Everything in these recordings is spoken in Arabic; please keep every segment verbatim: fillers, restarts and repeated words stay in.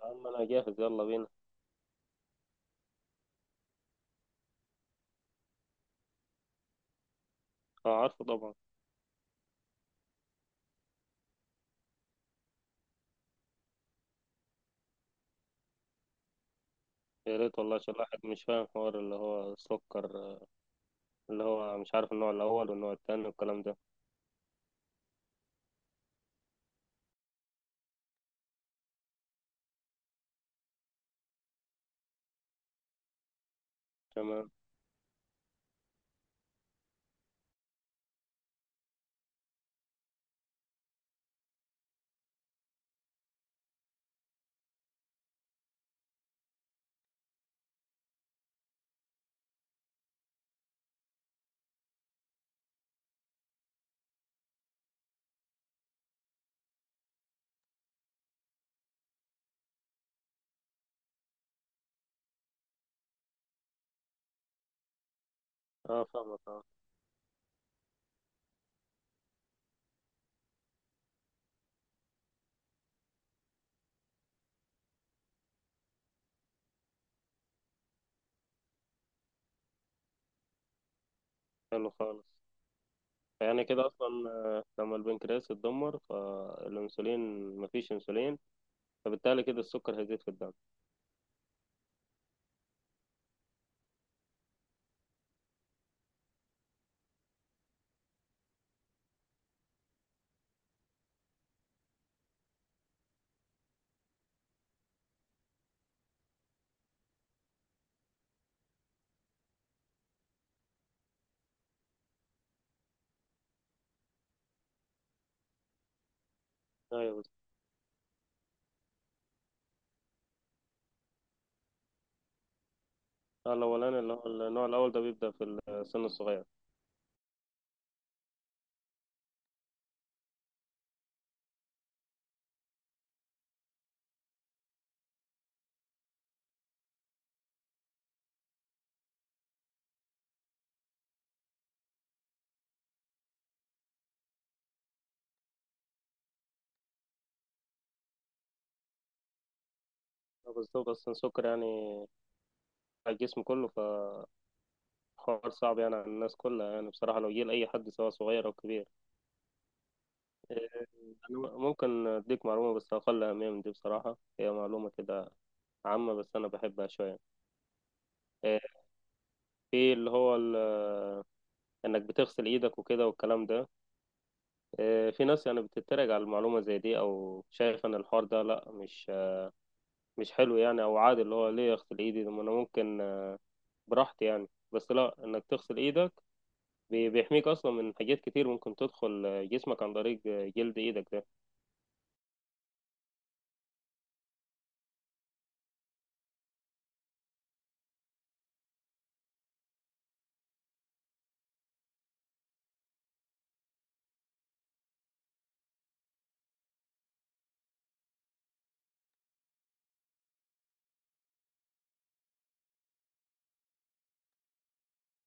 يا عم انا جاهز، يلا بينا. اه، عارفه طبعا. يا ريت والله، عشان الواحد مش فاهم حوار اللي هو سكر، آه، اللي هو مش عارف النوع الاول والنوع التاني والكلام ده. تمام. اه فاهمك اه. حلو خالص. يعني كده اصلا، آه، لما البنكرياس اتدمر فالانسولين، مفيش انسولين، فبالتالي كده السكر هيزيد في الدم. ايوه. بس آه، الاولاني اللي هو النوع الاول ده بيبدا في السن الصغير. آه، بالظبط، اصلا السكر يعني على الجسم كله، فحوار صعب يعني على الناس كلها، يعني بصراحه لو جه لاي حد سواء صغير او كبير. أنا ممكن أديك معلومة، بس أقل أهمية من دي، بصراحة هي معلومة كده عامة بس أنا بحبها شوية. إيه، في اللي هو ال... إنك بتغسل إيدك وكده والكلام ده. إيه، في ناس يعني بتتريق على المعلومة زي دي، أو شايف إن الحوار ده لأ، مش مش حلو يعني، أو عادي اللي هو ليه أغسل إيدي ده، ما أنا ممكن آه، براحتي يعني. بس لأ، إنك تغسل إيدك بي- بيحميك أصلا من حاجات كتير ممكن تدخل آه، جسمك عن طريق آه، جلد إيدك ده.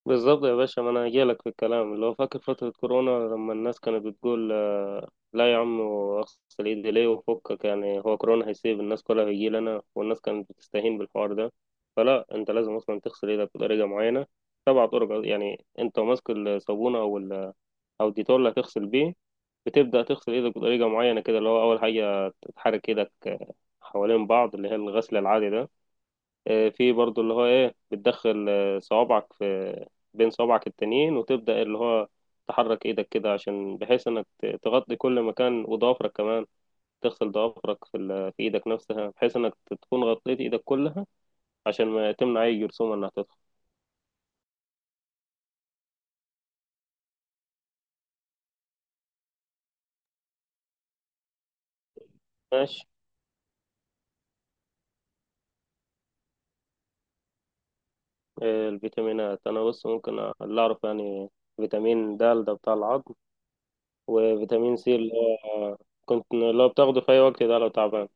بالظبط يا باشا، ما انا هجيلك في الكلام اللي هو فاكر فترة كورونا لما الناس كانت بتقول آه، لا يا عم اغسل ايدي ليه وفكك، يعني هو كورونا هيسيب الناس كلها، هيجي لنا، والناس كانت بتستهين بالحوار ده. فلا انت لازم اصلا تغسل ايدك بطريقة معينة، سبع طرق. يعني انت ماسك الصابونة او ال- او الديتول اللي هتغسل بيه، بتبدأ تغسل ايدك بطريقة معينة كده. اللي هو اول حاجة تحرك ايدك آه، حوالين بعض، اللي هي الغسل العادي ده. آه، في برضو اللي هو ايه، بتدخل آه، صوابعك في بين صوابعك التانيين، وتبدأ اللي هو تحرك ايدك كده عشان بحيث انك ت- تغطي كل مكان، وضوافرك كمان تغسل ضوافرك في، ال- في ايدك نفسها بحيث انك تكون غطيت ايدك كلها عشان ما تمنع اي جرثومة انها تدخل. ماشي. آه، الفيتامينات انا بص، ممكن أ- اللي اعرف يعني، فيتامين د ده بتاع العظم، وفيتامين سي اللي هو كنت اللي هو بتاخده في اي وقت ده لو تعبان.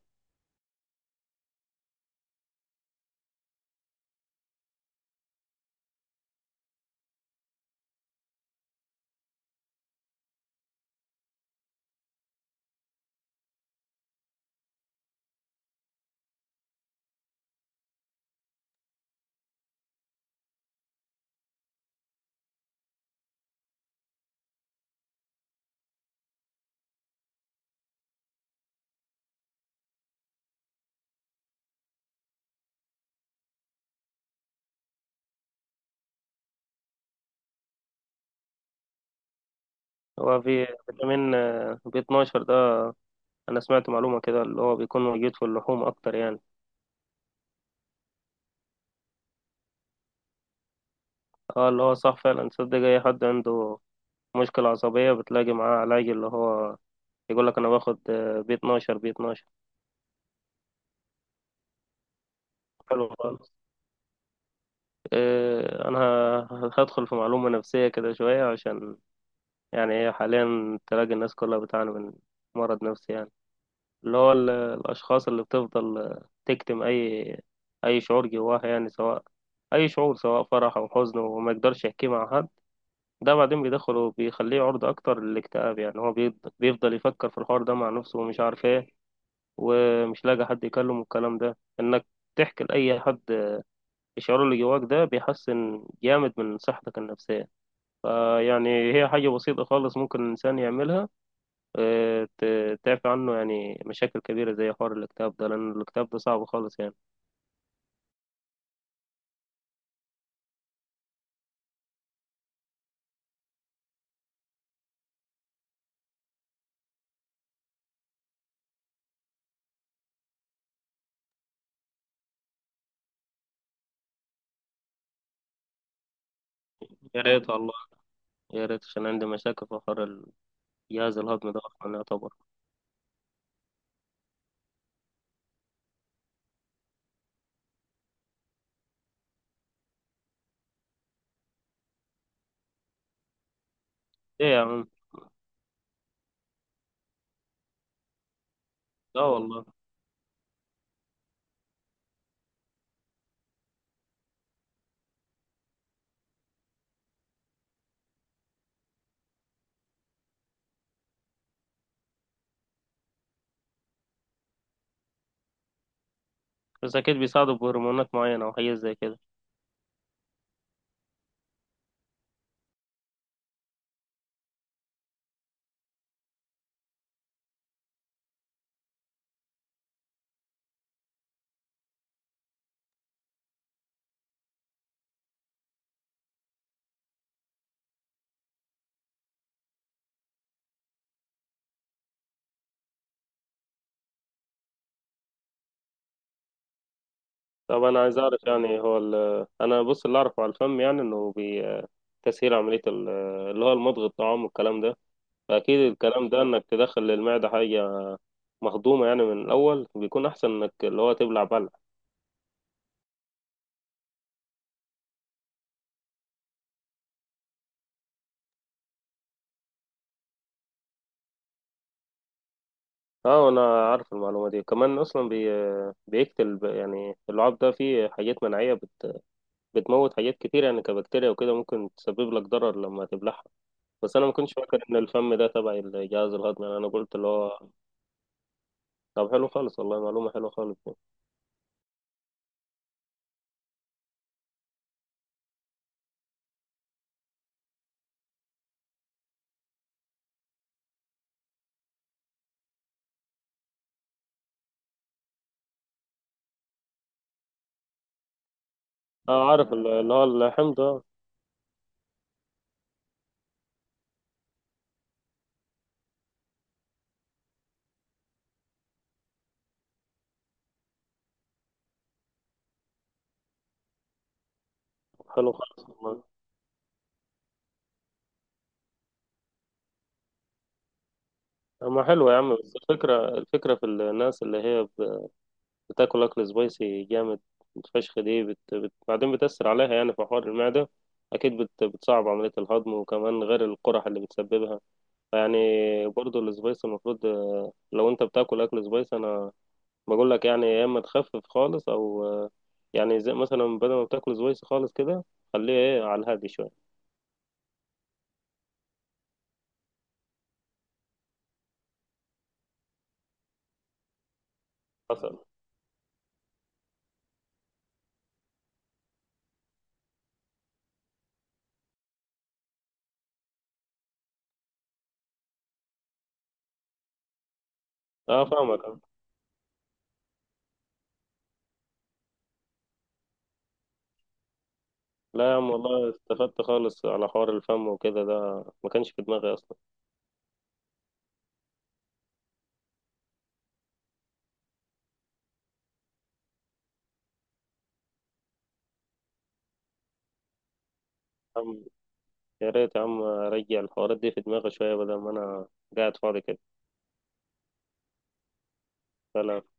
هو في فيتامين آه، بي اتناشر، انا سمعت معلومة كده اللي هو بيكون موجود في اللحوم اكتر يعني. اه، اللي هو صح فعلا. تصدق اي حد عنده مشكلة عصبية بتلاقي معاه علاج اللي هو يقول لك انا باخد آه، بي اتناشر، بي اتناشر. حلو خالص. آه، انا ه- هدخل في معلومة نفسية كده شوية، عشان يعني هي حاليا تلاقي الناس كلها بتعاني من مرض نفسي يعني. اللي هو ال- الاشخاص اللي بتفضل آه، تكتم اي اي شعور جواها، يعني سواء اي شعور، سواء فرح او حزن، وما يقدرش يحكيه مع حد. ده بعدين بيدخله، بيخليه عرضة أكتر للاكتئاب. يعني هو بيض- بيفضل يفكر في الحوار ده مع نفسه ومش عارف إيه، ومش لاقي حد يكلمه. الكلام ده إنك تحكي لأي حد الشعور اللي جواك ده، بيحسن جامد من صحتك النفسية. فيعني هي حاجة بسيطة خالص ممكن الإنسان يعملها، آه، ت- تعفي عنه يعني مشاكل كبيرة زي حوار الاكتئاب ده، لأن الاكتئاب ده صعب خالص يعني. يا ريت والله. يا ريت عشان عندي مشاكل في حوار الجهاز الهضمي ده، أصلا يعتبر إيه يا عم. لا والله. بس أكيد بيساعدوا بهرمونات معينة أو حاجات زي كده. طب انا عايز اعرف، يعني هو ال... انا بص اللي اعرفه على الفم، يعني انه بي... تسهيل عملية ال... اللي هو المضغ الطعام والكلام ده. فاكيد الكلام ده انك تدخل للمعدة حاجة مهضومة يعني، من الاول بيكون احسن انك اللي هو تبلع بلع. اه، انا عارف المعلومة دي كمان. اصلا بي... بيقتل ب- يعني اللعاب ده فيه حاجات مناعية بت... بتموت حاجات كتير يعني، كبكتيريا وكده ممكن تسبب لك ضرر لما تبلعها. بس انا ما كنتش فاكر ان الفم ده تبع الجهاز الهضمي يعني، انا قلت اللي هو. طب حلو خالص والله، معلومة حلوة خالص. اه، عارف ال- اللي هو اللحم ده. حلو خالص والله. اما حلو يا عم، بس الفكرة الفكرة في الناس اللي هي ب- بتاكل اكل سبايسي جامد فشخ، دي بت... بت... بعدين بتأثر عليها يعني في حوار المعدة. اكيد بت... بتصعب عملية الهضم، وكمان غير القرح اللي بتسببها يعني. برضو السبايسي المفروض، آه، لو انت بتاكل اكل سبايسي، انا بقول لك يعني يا اما تخفف خالص، او آه، يعني زي مثلا بدل ما بتاكل سبايسي خالص كده، خليه ايه على الهادي شوية. حصل. اه فاهمك آه. لا يا عم والله، استفدت خالص على حوار الفم وكده، ده ما كانش في دماغي اصلا. يا عم، يا ريت يا عم ارجع الحوارات دي في دماغي شويه، بدل ما انا قاعد فاضي كده. فلا